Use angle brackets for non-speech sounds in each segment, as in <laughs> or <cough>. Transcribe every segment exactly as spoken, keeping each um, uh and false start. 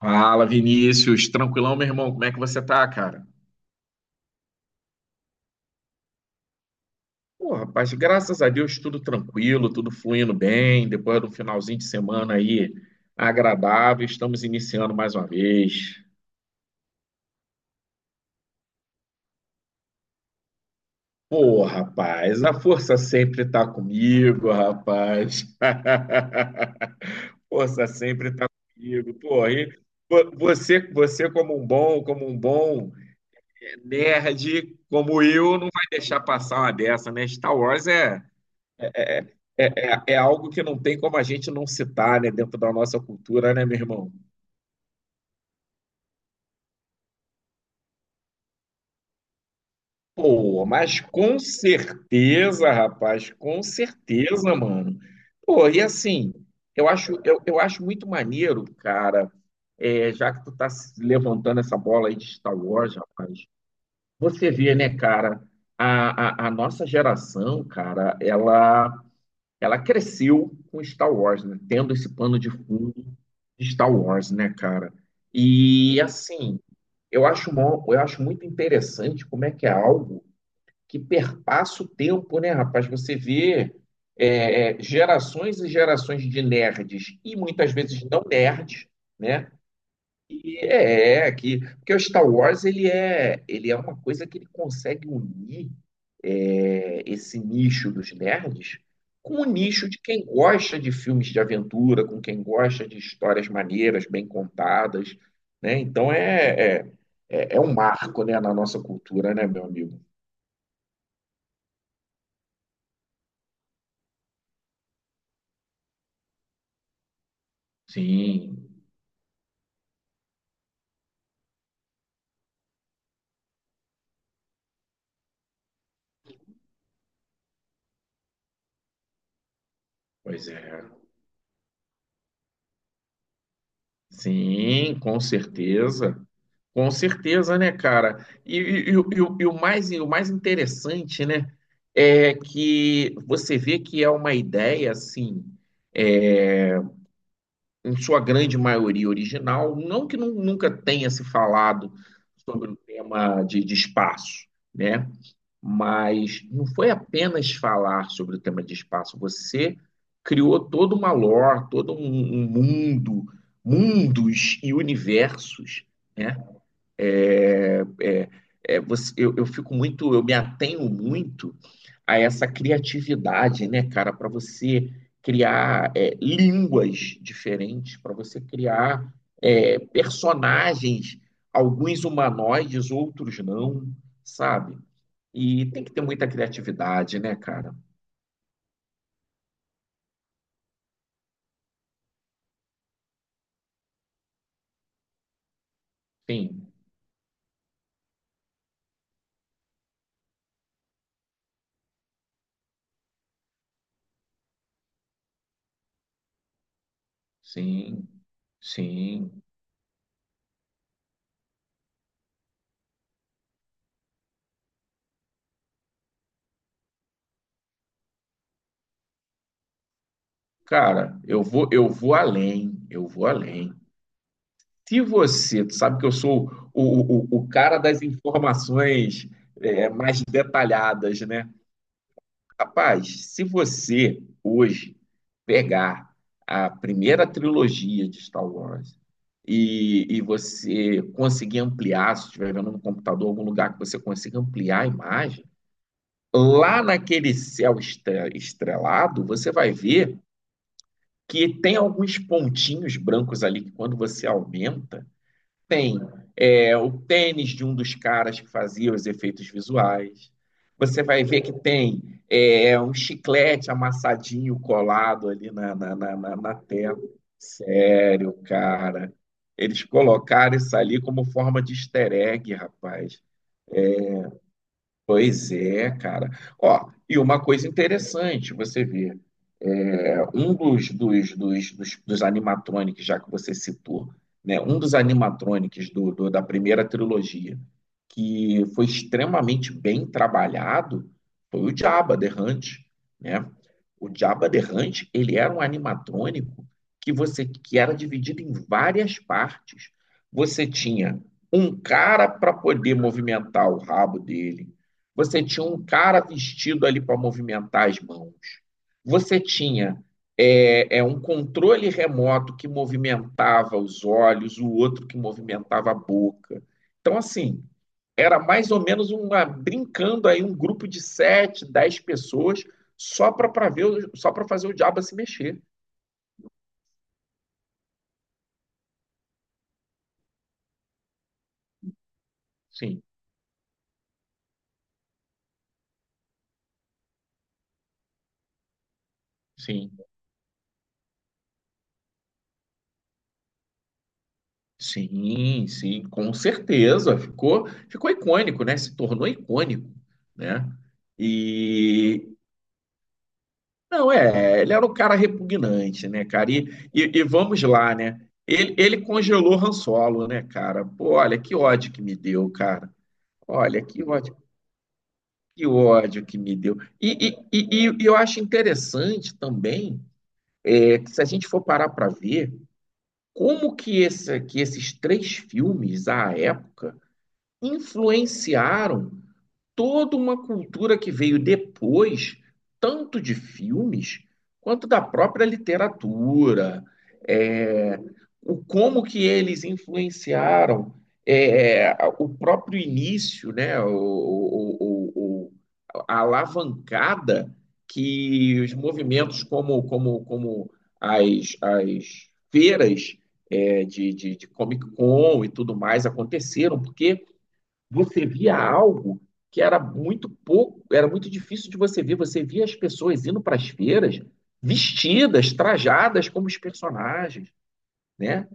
Fala, Vinícius. Tranquilão, meu irmão? Como é que você tá, cara? Pô, rapaz, graças a Deus, tudo tranquilo, tudo fluindo bem. Depois do finalzinho de semana aí agradável, estamos iniciando mais uma vez. Pô, rapaz, a força sempre tá comigo, rapaz. <laughs> Força sempre tá comigo. Pô, e vo- você, você como um bom, como um bom nerd, como eu, não vai deixar passar uma dessa, né? Star Wars é. É, é, é é algo que não tem como a gente não citar, né, dentro da nossa cultura, né, meu irmão? Pô, mas com certeza, rapaz, com certeza, mano. Pô, e assim, eu acho, eu, eu acho muito maneiro, cara, é, já que tu tá se levantando essa bola aí de Star Wars, rapaz, você vê, né, cara, a, a, a nossa geração, cara, ela. Ela cresceu com Star Wars, né? Tendo esse pano de fundo de Star Wars, né, cara? E assim, eu acho, mó- eu acho muito interessante como é que é algo que perpassa o tempo, né, rapaz? Você vê é, é, gerações e gerações de nerds e muitas vezes não nerds, né? E É, que porque o Star Wars ele é, ele é uma coisa que ele consegue unir é, esse nicho dos nerds com o nicho de quem gosta de filmes de aventura, com quem gosta de histórias maneiras, bem contadas, né? Então é, é, é é um marco, né, na nossa cultura, né, meu amigo? Sim, pois é. Sim, com certeza. Com certeza, né, cara? E, e- e o e o- e o mais, e o mais interessante, né, é que você vê que é uma ideia, assim, é, em sua grande maioria original, não que nu- nunca tenha se falado sobre o tema de, de espaço, né? Mas não foi apenas falar sobre o tema de espaço, você criou toda uma lore, todo um, um, mundo, mundos e universos, né? É, é, é, você- eu, eu fico muito, eu me atenho muito a essa criatividade, né, cara, para você criar é, línguas diferentes, para você criar é, personagens, alguns humanoides, outros não, sabe? E tem que ter muita criatividade, né, cara? Sim, sim, sim. Cara, eu vou, eu vou além, eu vou além. Se você, tu sabe que eu sou o, o, o cara das informações é, mais detalhadas, né? Rapaz, se você hoje pegar a primeira trilogia de Star Wars e, e, você conseguir ampliar, se estiver vendo no computador algum lugar que você consiga ampliar a imagem, lá naquele céu estre- estrelado, você vai ver que tem alguns pontinhos brancos ali que quando você aumenta, tem é, o tênis de um dos caras que fazia os efeitos visuais. Você vai ver que tem é, é um chiclete amassadinho colado ali na, na, na, na, na tela. Sério, cara. Eles colocaram isso ali como forma de easter egg, rapaz. Pois é, cara. Ó, e uma coisa interessante, você vê é, um dos, dos, dos, dos, dos animatronics, já que você citou, né? Um dos animatronics do, do- da primeira trilogia, que foi extremamente bem trabalhado, foi o Jabba the Hutt, né? O Jabba the Hutt, ele era um animatrônico que você que era dividido em várias partes. Você tinha um cara para poder movimentar o rabo dele. Você tinha um cara vestido ali para movimentar as mãos. Você tinha é, é um controle remoto que movimentava os olhos, o outro que movimentava a boca. Então, assim, era mais ou menos uma brincando aí um grupo de sete, dez pessoas só para ver, só para fazer o diabo se mexer. Sim, sim, sim, sim, com certeza. Ficou, ficou icônico, né? Se tornou icônico, né? E, não, é, ele era um cara repugnante, né, cara? E, e, e vamos lá, né? Ele, ele congelou Han Solo, né, cara? Pô, olha que ódio que me deu, cara. Olha que ódio, que ódio que me deu. E, e, e, e eu acho interessante também, é, que se a gente for parar para ver, como que, esse, que esses três filmes, à época, influenciaram toda uma cultura que veio depois, tanto de filmes quanto da própria literatura, é, o como que eles influenciaram é, o próprio início, né, o, o- o- o- a alavancada que os movimentos como, como, como as, as feiras é, de, de, de Comic Con e tudo mais aconteceram, porque você via algo que era muito pouco, era muito difícil de você ver. Você via as pessoas indo para as feiras vestidas, trajadas como os personagens, né?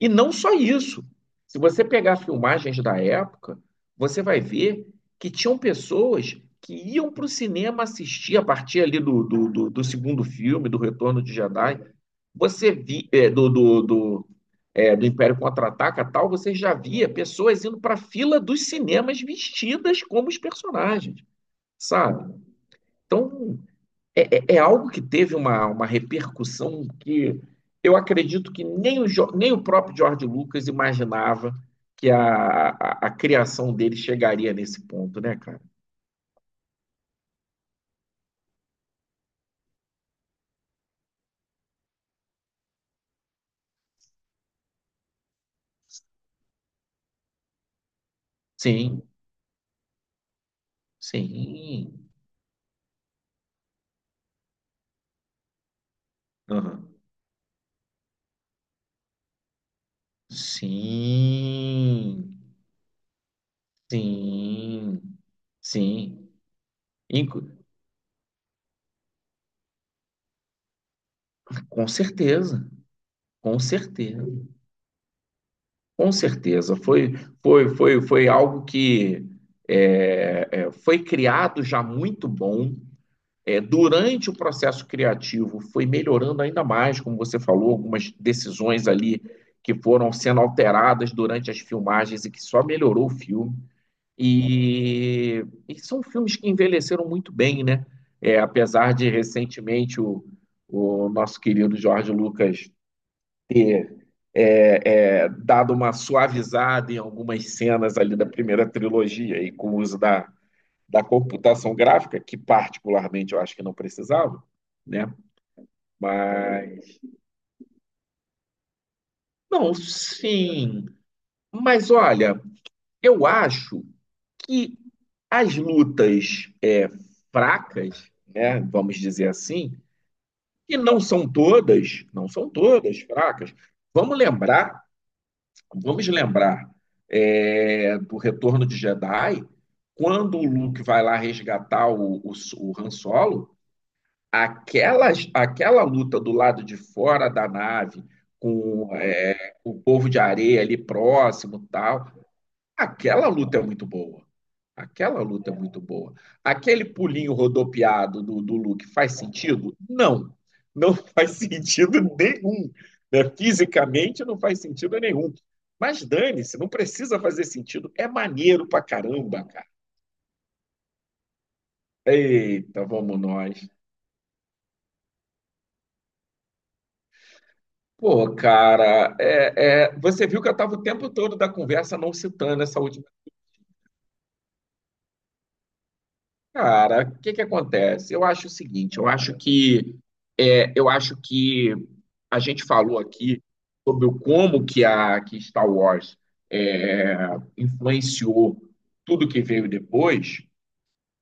E não só isso. Se você pegar filmagens da época, você vai ver que tinham pessoas que iam para o cinema assistir a partir ali do, do, do, do segundo filme, do Retorno de Jedi. Você vi, é, do, do, do, é, do Império Contra-Ataca tal, você já via pessoas indo para a fila dos cinemas vestidas como os personagens, sabe? Então, é, é é algo que teve uma, uma repercussão que eu acredito que nem o, nem o próprio George Lucas imaginava que a, a, a criação dele chegaria nesse ponto, né, cara? Sim, sim. Aham. Sim, sim, sim. Inclu- com certeza, com certeza. Com certeza, foi, foi, foi, foi algo que é, é, foi criado já muito bom. É, durante o processo criativo, foi melhorando ainda mais, como você falou, algumas decisões ali que foram sendo alteradas durante as filmagens e que só melhorou o filme. E, e são filmes que envelheceram muito bem, né? É, apesar de recentemente o, o nosso querido Jorge Lucas ter é, é, dado uma suavizada em algumas cenas ali da primeira trilogia e com o uso da, da computação gráfica, que particularmente eu acho que não precisava, né? Mas. Não, sim. Mas olha, eu acho que as lutas é, fracas, né, vamos dizer assim, e não são todas, não são todas fracas. Vamos lembrar Vamos lembrar é, do Retorno de Jedi, quando o Luke vai lá resgatar o, o, o, Han Solo, aquela, aquela luta do lado de fora da nave, com é, o povo de areia ali próximo e tal. Aquela luta é muito boa. Aquela luta é muito boa. Aquele pulinho rodopiado do, do Luke faz sentido? Não. Não <laughs> faz sentido nenhum. Né? Fisicamente não faz sentido nenhum. Mas dane-se, não precisa fazer sentido. É maneiro pra caramba, cara. Eita, vamos nós. Pô, cara, é, é, você viu que eu tava o tempo todo da conversa não citando essa última. Cara, o que que acontece? Eu acho o seguinte, eu acho que é, eu acho que a gente falou aqui sobre o como que a que Star Wars é, influenciou tudo que veio depois,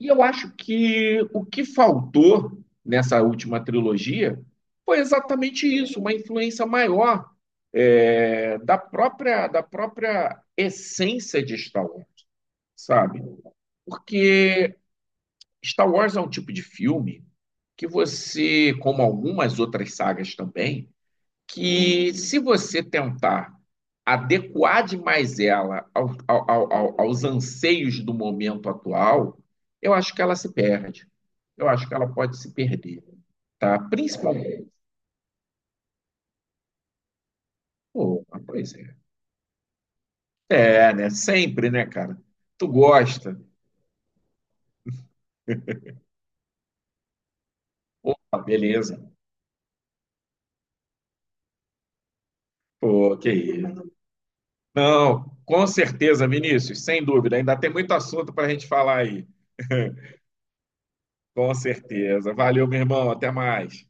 e eu acho que o que faltou nessa última trilogia foi exatamente isso, uma influência maior é, da própria da própria essência de Star Wars, sabe? Porque Star Wars é um tipo de filme que você, como algumas outras sagas também, que se você tentar adequar demais ela ao- ao- ao- ao- aos anseios do momento atual, eu acho que ela se perde. Eu acho que ela pode se perder, tá? Principalmente. Pô, mas pois é. É, né? Sempre, né, cara? Tu gosta. Opa, beleza. Pô, que isso. Não, com certeza, Vinícius, sem dúvida. Ainda tem muito assunto para a gente falar aí. Com certeza. Valeu, meu irmão. Até mais.